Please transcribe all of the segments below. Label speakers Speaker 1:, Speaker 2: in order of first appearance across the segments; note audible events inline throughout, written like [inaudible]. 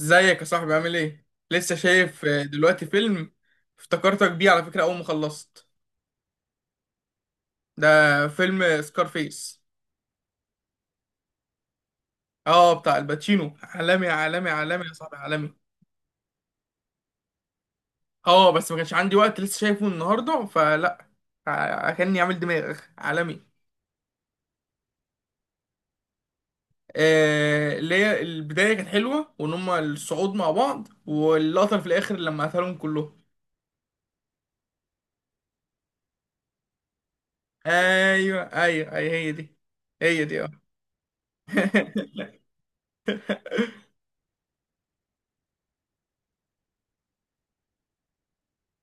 Speaker 1: ازيك يا صاحبي، عامل ايه؟ لسه شايف دلوقتي فيلم، افتكرتك بيه على فكرة أول ما خلصت. ده فيلم سكارفيس. اه، بتاع الباتشينو، عالمي عالمي عالمي يا صاحبي، عالمي. اه، بس ما كانش عندي وقت، لسه شايفه النهاردة، فلا. كأني عامل دماغ عالمي. آه، اللي هي البداية كانت حلوة، وإن هما الصعود مع بعض، واللقطة في الآخر لما قتلهم كلهم. أيوه، أيوه، أيوه، هي دي. هي دي، اه. [laughs]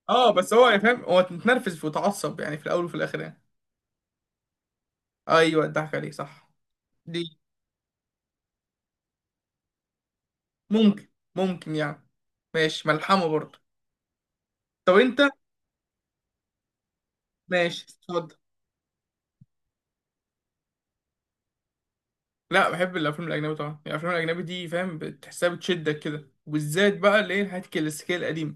Speaker 1: اه، بس هو يعني فاهم، هو متنرفز وتعصب يعني في الاول، وفي الاخر يعني. ايوه، الضحك عليه، صح. دي. ممكن. ممكن يعني. ماشي، ملحمه برضه. طب انت. ماشي، اتفضل. لا، بحب الافلام الاجنبي طبعا، يعني الافلام الاجنبي دي فاهم بتحسها بتشدك كده، وبالذات بقى اللي هي الحاجات الكلاسيكيه القديمه.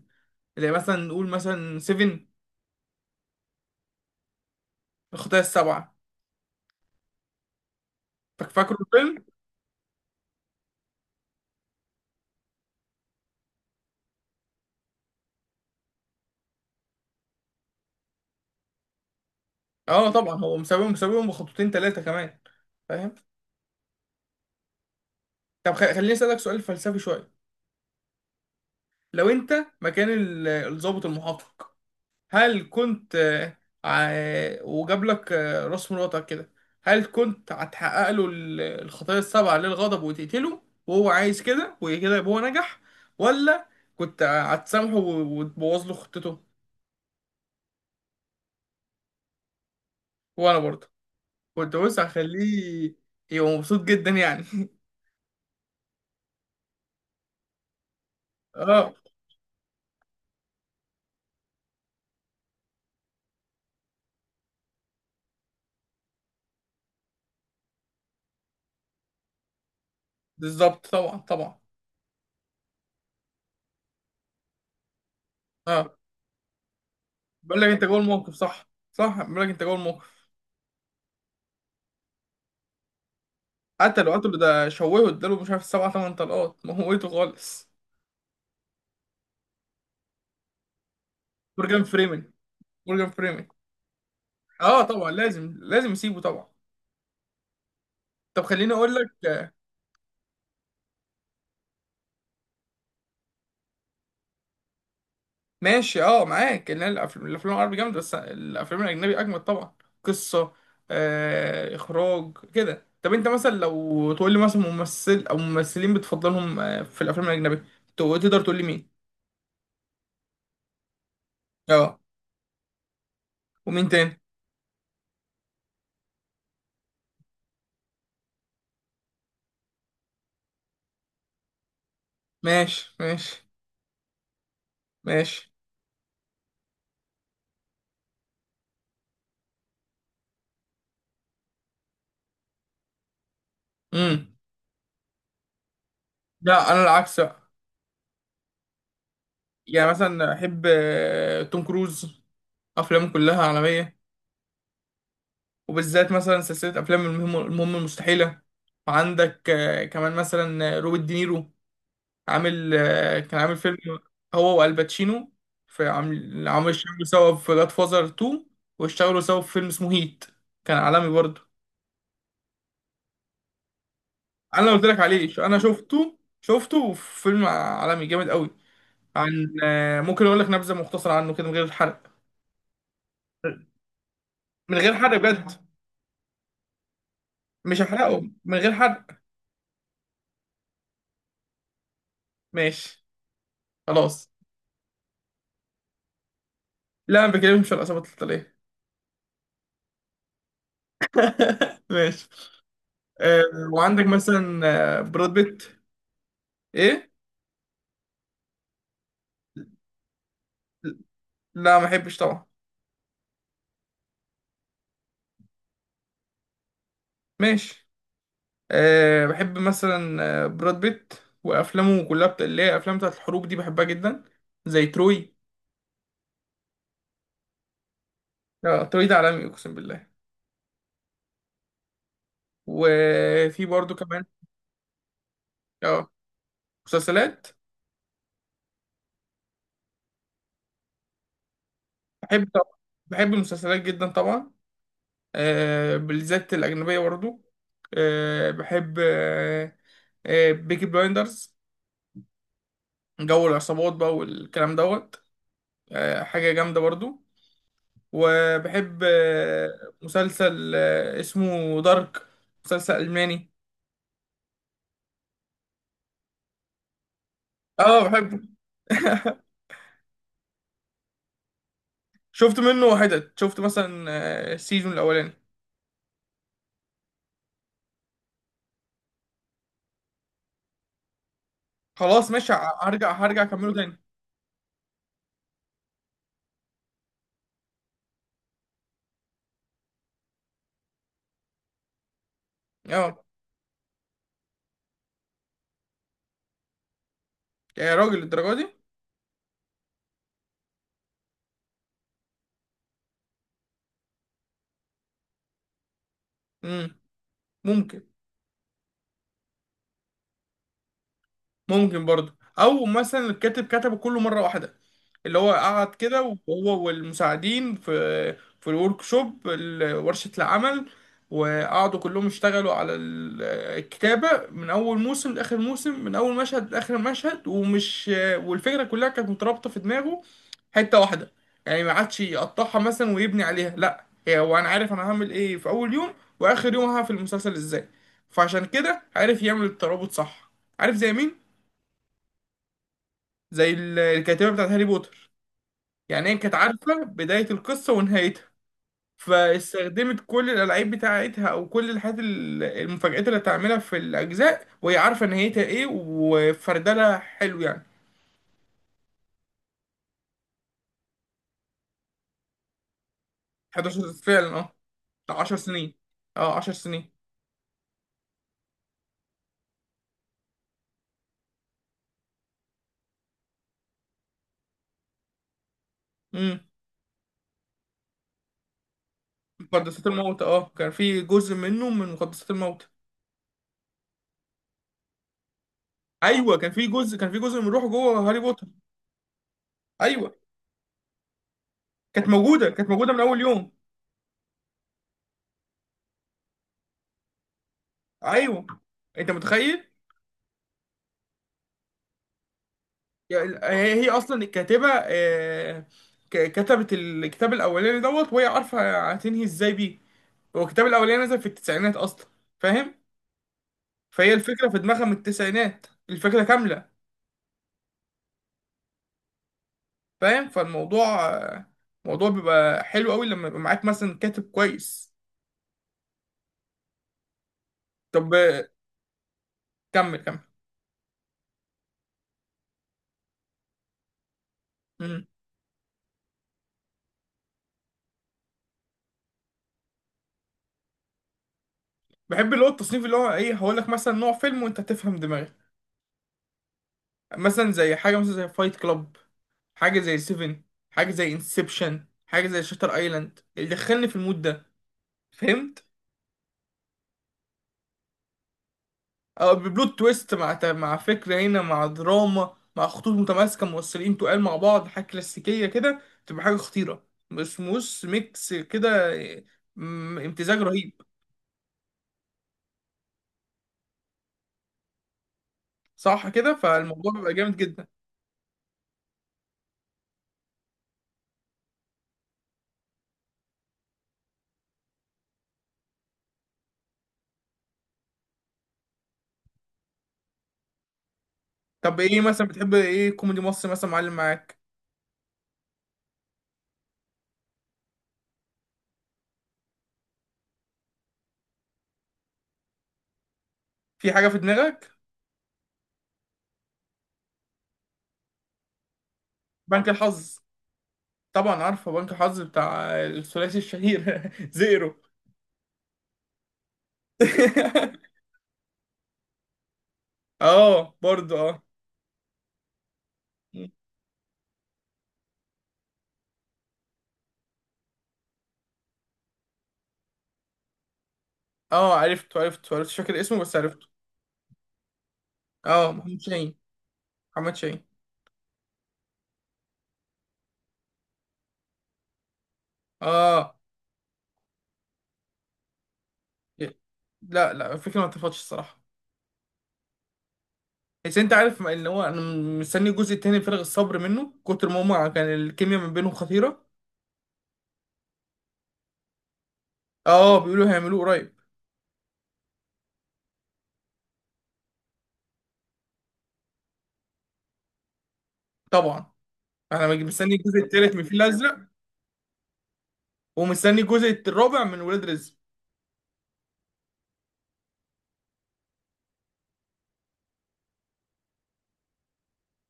Speaker 1: زي مثلا نقول مثلا 7، الخطايا السبعه. فاكره الفيلم؟ اه طبعا، هو مساويهم، مساويهم بخطوتين ثلاثه كمان، فاهم. طب خليني اسالك سؤال فلسفي شويه. لو انت مكان الضابط المحقق، هل كنت، وجاب لك، راس مراتك كده، هل كنت هتحقق له الخطايا السبعة للغضب وتقتله، وهو عايز كده، وكده يبقى هو نجح؟ ولا كنت هتسامحه وتبوظ له خطته؟ وانا برضه كنت، بص، هخليه يبقى مبسوط جدا يعني. [laughs] اه، بالظبط، طبعا، طبعا. اه، بقول لك انت جوه الموقف، صح، صح، بقول لك انت جوه الموقف. قتله، قتله، ده شوهه، اداله مش عارف سبع تمن طلقات، موته خالص. مورجان فريمن. مورجان فريمن. اه طبعا، لازم، لازم اسيبه طبعا. طب خليني اقول لك، ماشي. اه، معاك، ان الافلام العربي جامده، بس الافلام الاجنبي اجمد طبعا. قصه، اخراج كده. طب انت مثلا لو تقول لي مثلا ممثل او ممثلين بتفضلهم في الافلام الاجنبي، تقدر تقول لي مين؟ اه. ومين تاني؟ ماشي، ماشي، ماشي. امم لا، انا العكس بقى. يعني مثلا احب توم كروز، افلامه كلها عالميه. وبالذات مثلا سلسلة أفلام المهم المستحيلة. وعندك كمان مثلا روبرت دينيرو، عامل آه، كان عامل فيلم هو والباتشينو. في عامل اشتغلوا سوا في جاد فازر 2، واشتغلوا سوا في فيلم اسمه هيت، كان عالمي برضه. أنا قلت لك عليه، أنا شفته، في فيلم عالمي جامد قوي. عن آه، ممكن أقول لك نبذة مختصرة عنه كده من غير حرق؟ من غير حرق بجد. مش هحرقه، من غير حرق. ماشي. خلاص. لا، ما بكلمش عن العصابات القتالية. [laughs] ماشي. آه، وعندك مثلا، براد بيت. ايه؟ لا، ما بحبش طبعا. ماشي. أه، بحب مثلا براد بيت، وافلامه كلها اللي هي افلام بتاعت الحروب دي بحبها جدا، زي تروي. اه، تروي ده عالمي، اقسم بالله. وفي برضو كمان. اه، مسلسلات. بحب طبعا. بحب المسلسلات جدا طبعا. أه، بالذات الاجنبيه برضو. أه، بحب، أه أه بيكي بلايندرز، جو العصابات بقى والكلام دوت. حاجة جامدة برضو. وبحب مسلسل اسمه دارك، مسلسل ألماني. اه، بحبه. [laughs] شفت منه حتت، شفت مثلا السيزون الأولاني. خلاص، ماشي، هرجع أكمله تاني. اه يا راجل، الدرجة دي. مم. ممكن. ممكن برضه، او مثلا الكاتب كتبه كله مره واحده، اللي هو قعد كده، وهو والمساعدين في في الورك شوب، ورشه العمل، وقعدوا كلهم يشتغلوا على الكتابه من اول موسم لاخر موسم، من اول مشهد لاخر مشهد، والفكره كلها كانت مترابطه في دماغه، حته واحده، يعني ما عادش يقطعها مثلا ويبني عليها، لا هي هو انا عارف انا هعمل ايه في اول يوم، واخر يوم هعمل في المسلسل ازاي. فعشان كده عارف يعمل الترابط صح. عارف زي مين؟ زي الكاتبة بتاعت هاري بوتر. يعني هي كانت عارفة بداية القصة ونهايتها، فاستخدمت كل الألعاب بتاعتها، أو كل الحاجات المفاجآت اللي هتعملها في الأجزاء، وهي عارفة نهايتها إيه، وفردلها حلو يعني. 11 فعلا، أه، بتاع 10 سنين. أه، 10 سنين. امم مقدسات الموت، أه، كان في جزء منه من مقدسات الموت. أيوه، كان في جزء من روحه جوه هاري بوتر. أيوه، كانت موجودة، كانت موجودة من أول يوم. أيوه، أنت متخيل. هي اصلا الكاتبه، كتبت الكتاب الاولاني دوت، وهي عارفه هتنهي ازاي بيه. هو الكتاب الاولاني نزل في التسعينات اصلا، فاهم. فهي الفكره في دماغها من التسعينات، الفكره كامله، فاهم. فالموضوع آه، موضوع بيبقى حلو قوي لما يبقى معاك مثلا كاتب كويس. طب، كمل، كمل. مم. بحب اللي هو التصنيف اللي هو ايه، هقول لك مثلا نوع فيلم وانت تفهم دماغي. مثلا زي حاجه، مثلا زي فايت كلاب، حاجه زي سيفن، حاجه زي انسبشن، حاجه زي شاتر ايلاند، اللي دخلني في المود ده. فهمت. او ببلوت تويست مع مع فكره هنا، مع دراما، مع خطوط متماسكه موصلين تقال مع بعض، حاجه كلاسيكيه كده، تبقى حاجه خطيره، بس موس ميكس كده، امتزاج رهيب. صح كده، فالموضوع بيبقى جامد جدا. طب ايه مثلا، بتحب ايه كوميدي مصري مثلا، معلم معاك. في حاجه في دماغك؟ بنك الحظ. طبعا عارفه بنك الحظ، بتاع الثلاثي الشهير. [laughs] زيرو. [laughs] اه برضه، اه. اه، عرفته، عرفته، عرفته، مش فاكر اسمه، بس عرفته. اه، محمد شاهين. محمد شاهين. اه. لا، لا، الفكرة ما اتفقتش الصراحة، بس انت عارف ان هو انا مستني الجزء التاني بفارغ الصبر، منه كتر ما هما كان الكيمياء ما بينهم خطيرة. اه، بيقولوا هيعملوه قريب. طبعا. انا مستني الجزء التالت من الفيل الازرق، ومستني الجزء الرابع من ولاد رزق.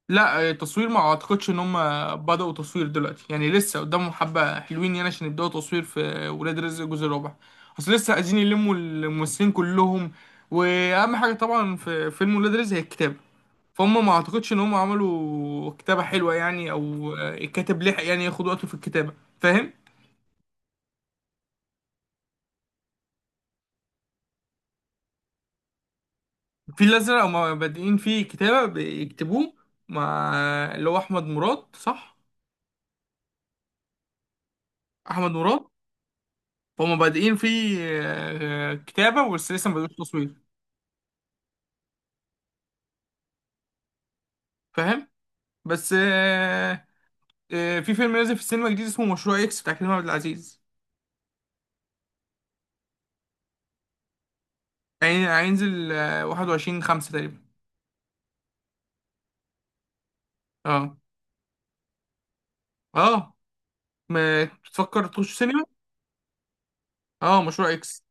Speaker 1: لا، تصوير ما اعتقدش ان هم بدأوا تصوير دلوقتي، يعني لسه قدامهم حبة حلوين يعني عشان يبدأوا تصوير في ولاد رزق الجزء الرابع. اصل لسه عايزين يلموا الممثلين كلهم، واهم حاجة طبعا في فيلم ولاد رزق هي الكتابة، فهم ما اعتقدش ان هم عملوا كتابة حلوة يعني، او الكاتب لحق يعني ياخد وقته في الكتابة، فاهم. في الازرق هم بادئين فيه كتابة، بيكتبوه مع اللي هو احمد مراد، صح، احمد مراد. هما بادئين فيه كتابة، بس لسه ما بدأوش تصوير، فاهم. بس في فيلم نازل في السينما جديد، اسمه مشروع اكس، بتاع كريم عبد العزيز. هينزل 21 5 تقريبا. اه. اه. ما تفكر تخش سينما؟ اه، مشروع اكس.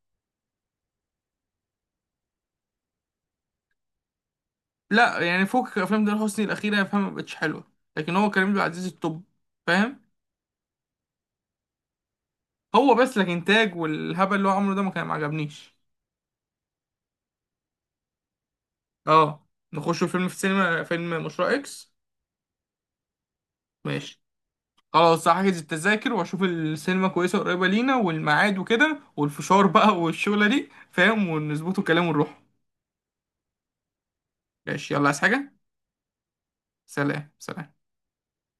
Speaker 1: لا، يعني فوق افلام ده، حسني الاخيره فاهم ما بقتش حلوه، لكن هو كريم عبد العزيز التوب، فاهم. هو بس الانتاج والهبل اللي هو عمله ده ما عجبنيش. اه، نخش فيلم في السينما، فيلم مشروع اكس. ماشي. خلاص، هحجز التذاكر، واشوف السينما كويسه قريبه لينا، والميعاد وكده، والفشار بقى والشغله دي فاهم، ونظبطه كلام ونروح. ماشي، يلا، عايز حاجه؟ سلام، سلام.